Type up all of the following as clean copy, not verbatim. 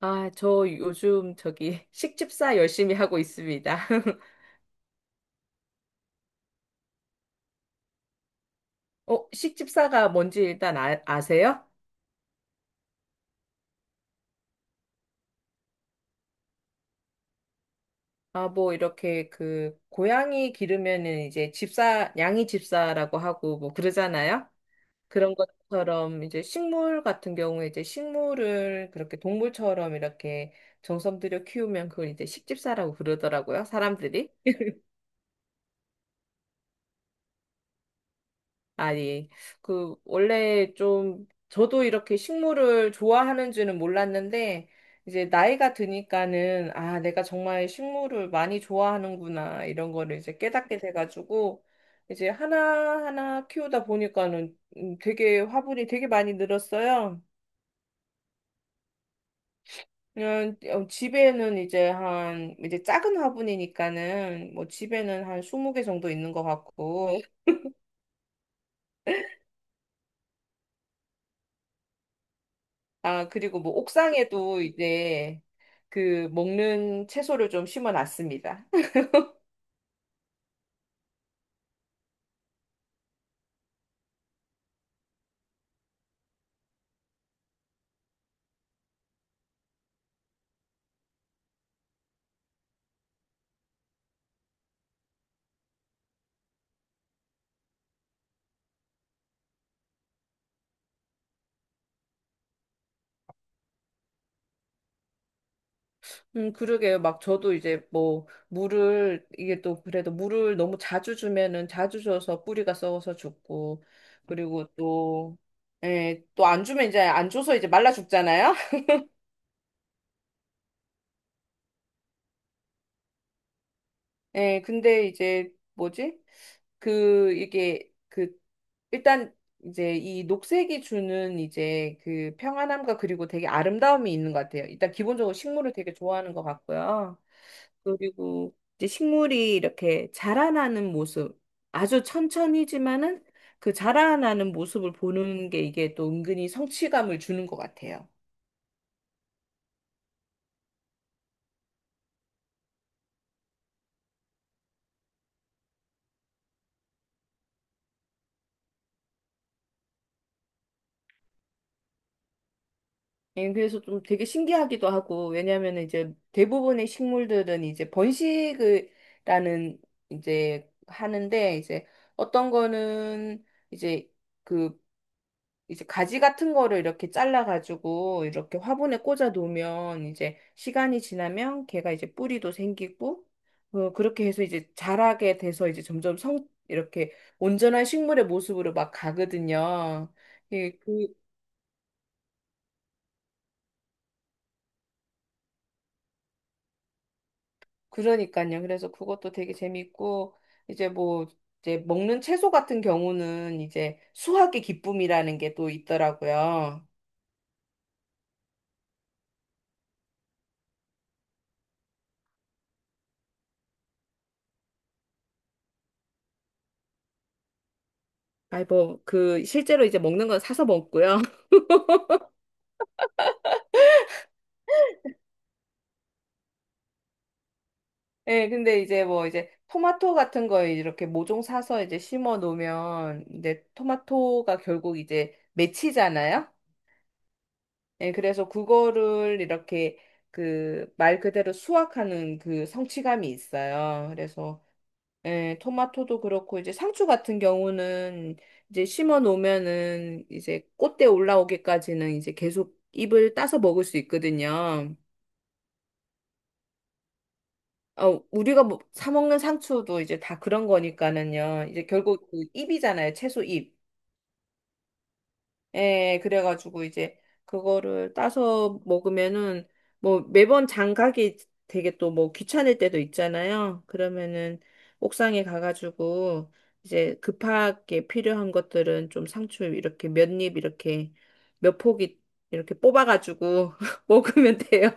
아, 저 요즘 저기 식집사 열심히 하고 있습니다. 어, 식집사가 뭔지 일단 아세요? 아, 뭐 이렇게 그 고양이 기르면은 이제 집사, 양이 집사라고 하고 뭐 그러잖아요. 그런 것처럼 이제 식물 같은 경우에 이제 식물을 그렇게 동물처럼 이렇게 정성 들여 키우면 그걸 이제 식집사라고 그러더라고요, 사람들이. 아니, 그, 원래 좀, 저도 이렇게 식물을 좋아하는 줄은 몰랐는데, 이제 나이가 드니까는, 아, 내가 정말 식물을 많이 좋아하는구나, 이런 거를 이제 깨닫게 돼가지고, 이제 하나하나 키우다 보니까는 되게 화분이 되게 많이 늘었어요. 그냥 어, 집에는 이제 한, 이제 작은 화분이니까는, 뭐 집에는 한 20개 정도 있는 것 같고, 아, 그리고 뭐 옥상에도 이제 그 먹는 채소를 좀 심어 놨습니다. 그러게요. 막 저도 이제 뭐 물을 이게 또 그래도 물을 너무 자주 주면은 자주 줘서 뿌리가 썩어서 죽고, 그리고 또 예, 또 안 주면 이제 안 줘서 이제 말라 죽잖아요. 예, 근데 이제 뭐지? 그 이게 그 일단 이제 이 녹색이 주는 이제 그 평안함과 그리고 되게 아름다움이 있는 것 같아요. 일단 기본적으로 식물을 되게 좋아하는 것 같고요. 그리고 이제 식물이 이렇게 자라나는 모습, 아주 천천히지만은 그 자라나는 모습을 보는 게 이게 또 은근히 성취감을 주는 것 같아요. 예, 그래서 좀 되게 신기하기도 하고, 왜냐하면 이제 대부분의 식물들은 이제 번식을, 라는, 이제 하는데, 이제 어떤 거는 이제 그, 이제 가지 같은 거를 이렇게 잘라가지고 이렇게 화분에 꽂아 놓으면 이제 시간이 지나면 걔가 이제 뿌리도 생기고, 어, 그렇게 해서 이제 자라게 돼서 이제 점점 성, 이렇게 온전한 식물의 모습으로 막 가거든요. 예, 그, 그러니까요. 그래서 그것도 되게 재밌고 이제 뭐 이제 먹는 채소 같은 경우는 이제 수확의 기쁨이라는 게 또 있더라고요. 아이 뭐 그 실제로 이제 먹는 건 사서 먹고요. 예, 근데 이제 뭐 이제 토마토 같은 거 이렇게 모종 사서 이제 심어 놓으면 이제 토마토가 결국 이제 맺히잖아요. 예, 그래서 그거를 이렇게 그 말 그대로 수확하는 그 성취감이 있어요. 그래서 예, 토마토도 그렇고 이제 상추 같은 경우는 이제 심어 놓으면은 이제 꽃대 올라오기까지는 이제 계속 잎을 따서 먹을 수 있거든요. 어, 우리가 뭐, 사 먹는 상추도 이제 다 그런 거니까는요. 이제 결국 그 잎이잖아요. 채소 잎. 예, 그래가지고 이제 그거를 따서 먹으면은 뭐 매번 장 가기 되게 또 뭐 귀찮을 때도 있잖아요. 그러면은 옥상에 가가지고 이제 급하게 필요한 것들은 좀 상추 이렇게 몇 입 이렇게 몇 포기 이렇게 뽑아가지고 먹으면 돼요.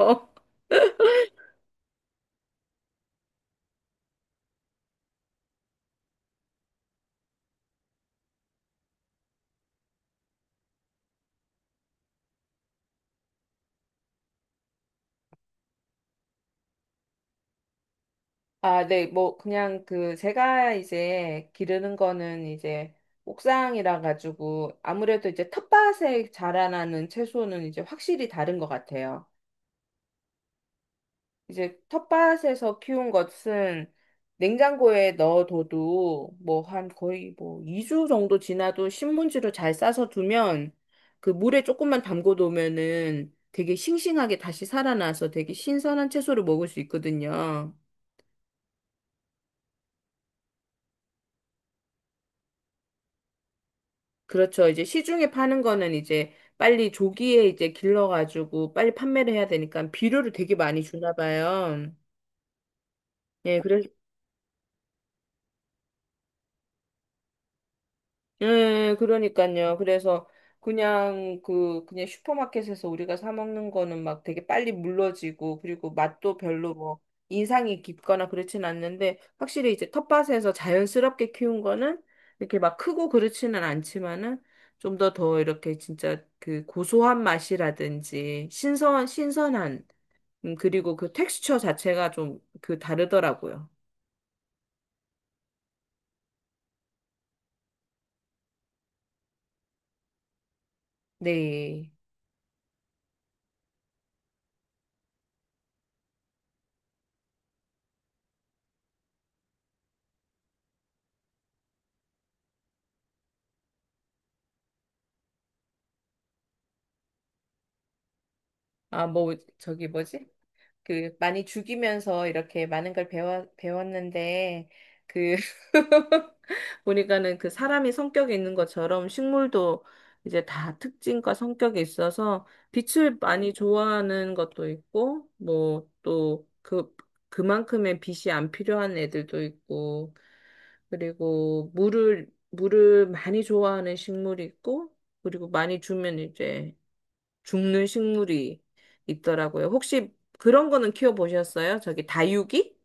아, 네, 뭐, 그냥 그, 제가 이제 기르는 거는 이제 옥상이라 가지고 아무래도 이제 텃밭에 자라나는 채소는 이제 확실히 다른 것 같아요. 이제 텃밭에서 키운 것은 냉장고에 넣어둬도 뭐 한 거의 뭐 2주 정도 지나도 신문지로 잘 싸서 두면 그 물에 조금만 담궈 놓으면은 되게 싱싱하게 다시 살아나서 되게 신선한 채소를 먹을 수 있거든요. 그렇죠. 이제 시중에 파는 거는 이제 빨리 조기에 이제 길러가지고 빨리 판매를 해야 되니까 비료를 되게 많이 주나 봐요. 예, 그래서 예, 그러니까요. 그래서 그냥 그 그냥 슈퍼마켓에서 우리가 사 먹는 거는 막 되게 빨리 물러지고 그리고 맛도 별로 뭐 인상이 깊거나 그렇진 않는데 확실히 이제 텃밭에서 자연스럽게 키운 거는 이렇게 막 크고 그렇지는 않지만은 좀 더 더 이렇게 진짜 그 고소한 맛이라든지 신선한 그리고 그 텍스처 자체가 좀 그 다르더라고요. 네. 아, 뭐 저기 뭐지? 그 많이 죽이면서 이렇게 많은 걸 배웠는데 그 보니까는 그 사람이 성격이 있는 것처럼 식물도 이제 다 특징과 성격이 있어서 빛을 많이 좋아하는 것도 있고 뭐 또 그 그만큼의 빛이 안 필요한 애들도 있고, 그리고 물을 많이 좋아하는 식물이 있고 그리고 많이 주면 이제 죽는 식물이 있더라고요. 혹시 그런 거는 키워보셨어요? 저기 다육이?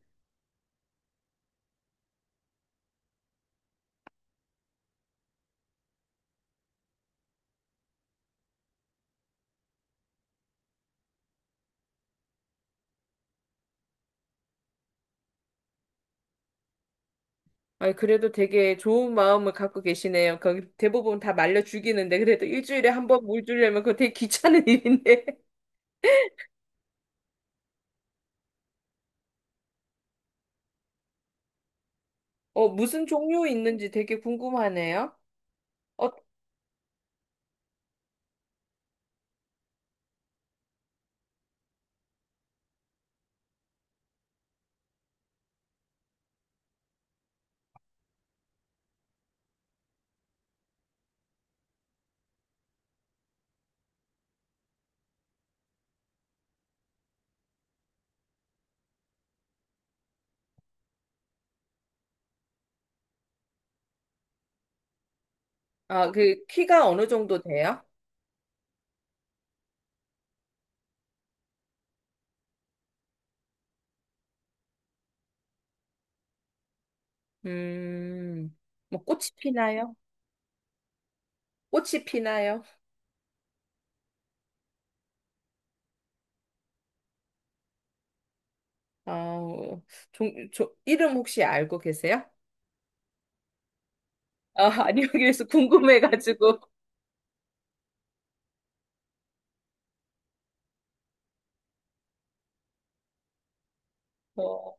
아, 그래도 되게 좋은 마음을 갖고 계시네요. 거기 대부분 다 말려 죽이는데 그래도 일주일에 한번 물 주려면 그거 되게 귀찮은 일인데. 어, 무슨 종류 있는지 되게 궁금하네요. 어, 아, 그 키가 어느 정도 돼요? 음, 뭐 꽃이 피나요? 꽃이 피나요? 아우, 이름 혹시 알고 계세요? 아, 아니요. 그래서 궁금해가지고. 어.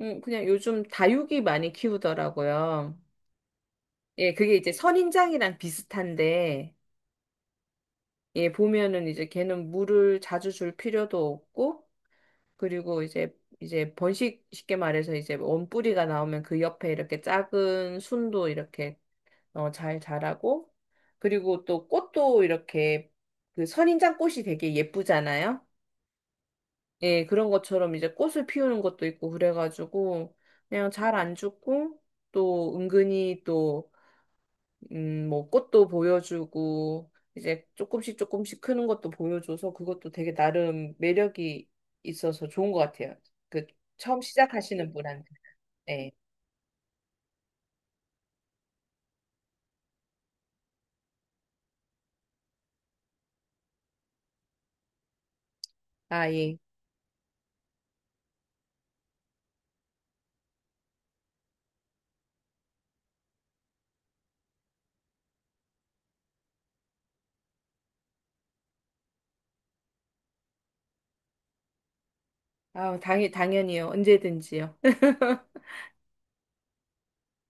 그냥 요즘 다육이 많이 키우더라고요. 예, 그게 이제 선인장이랑 비슷한데, 예, 보면은 이제 걔는 물을 자주 줄 필요도 없고, 그리고 이제, 이제 번식, 쉽게 말해서 이제 원뿌리가 나오면 그 옆에 이렇게 작은 순도 이렇게 어, 잘 자라고, 그리고 또 꽃도 이렇게 그 선인장 꽃이 되게 예쁘잖아요. 예, 그런 것처럼 이제 꽃을 피우는 것도 있고, 그래가지고, 그냥 잘 안 죽고, 또 은근히 또 뭐 꽃도 보여주고 이제 조금씩 조금씩 크는 것도 보여줘서 그것도 되게 나름 매력이 있어서 좋은 것 같아요. 그 처음 시작하시는 분한테. 네. 아, 예. 아, 당연히요. 언제든지요.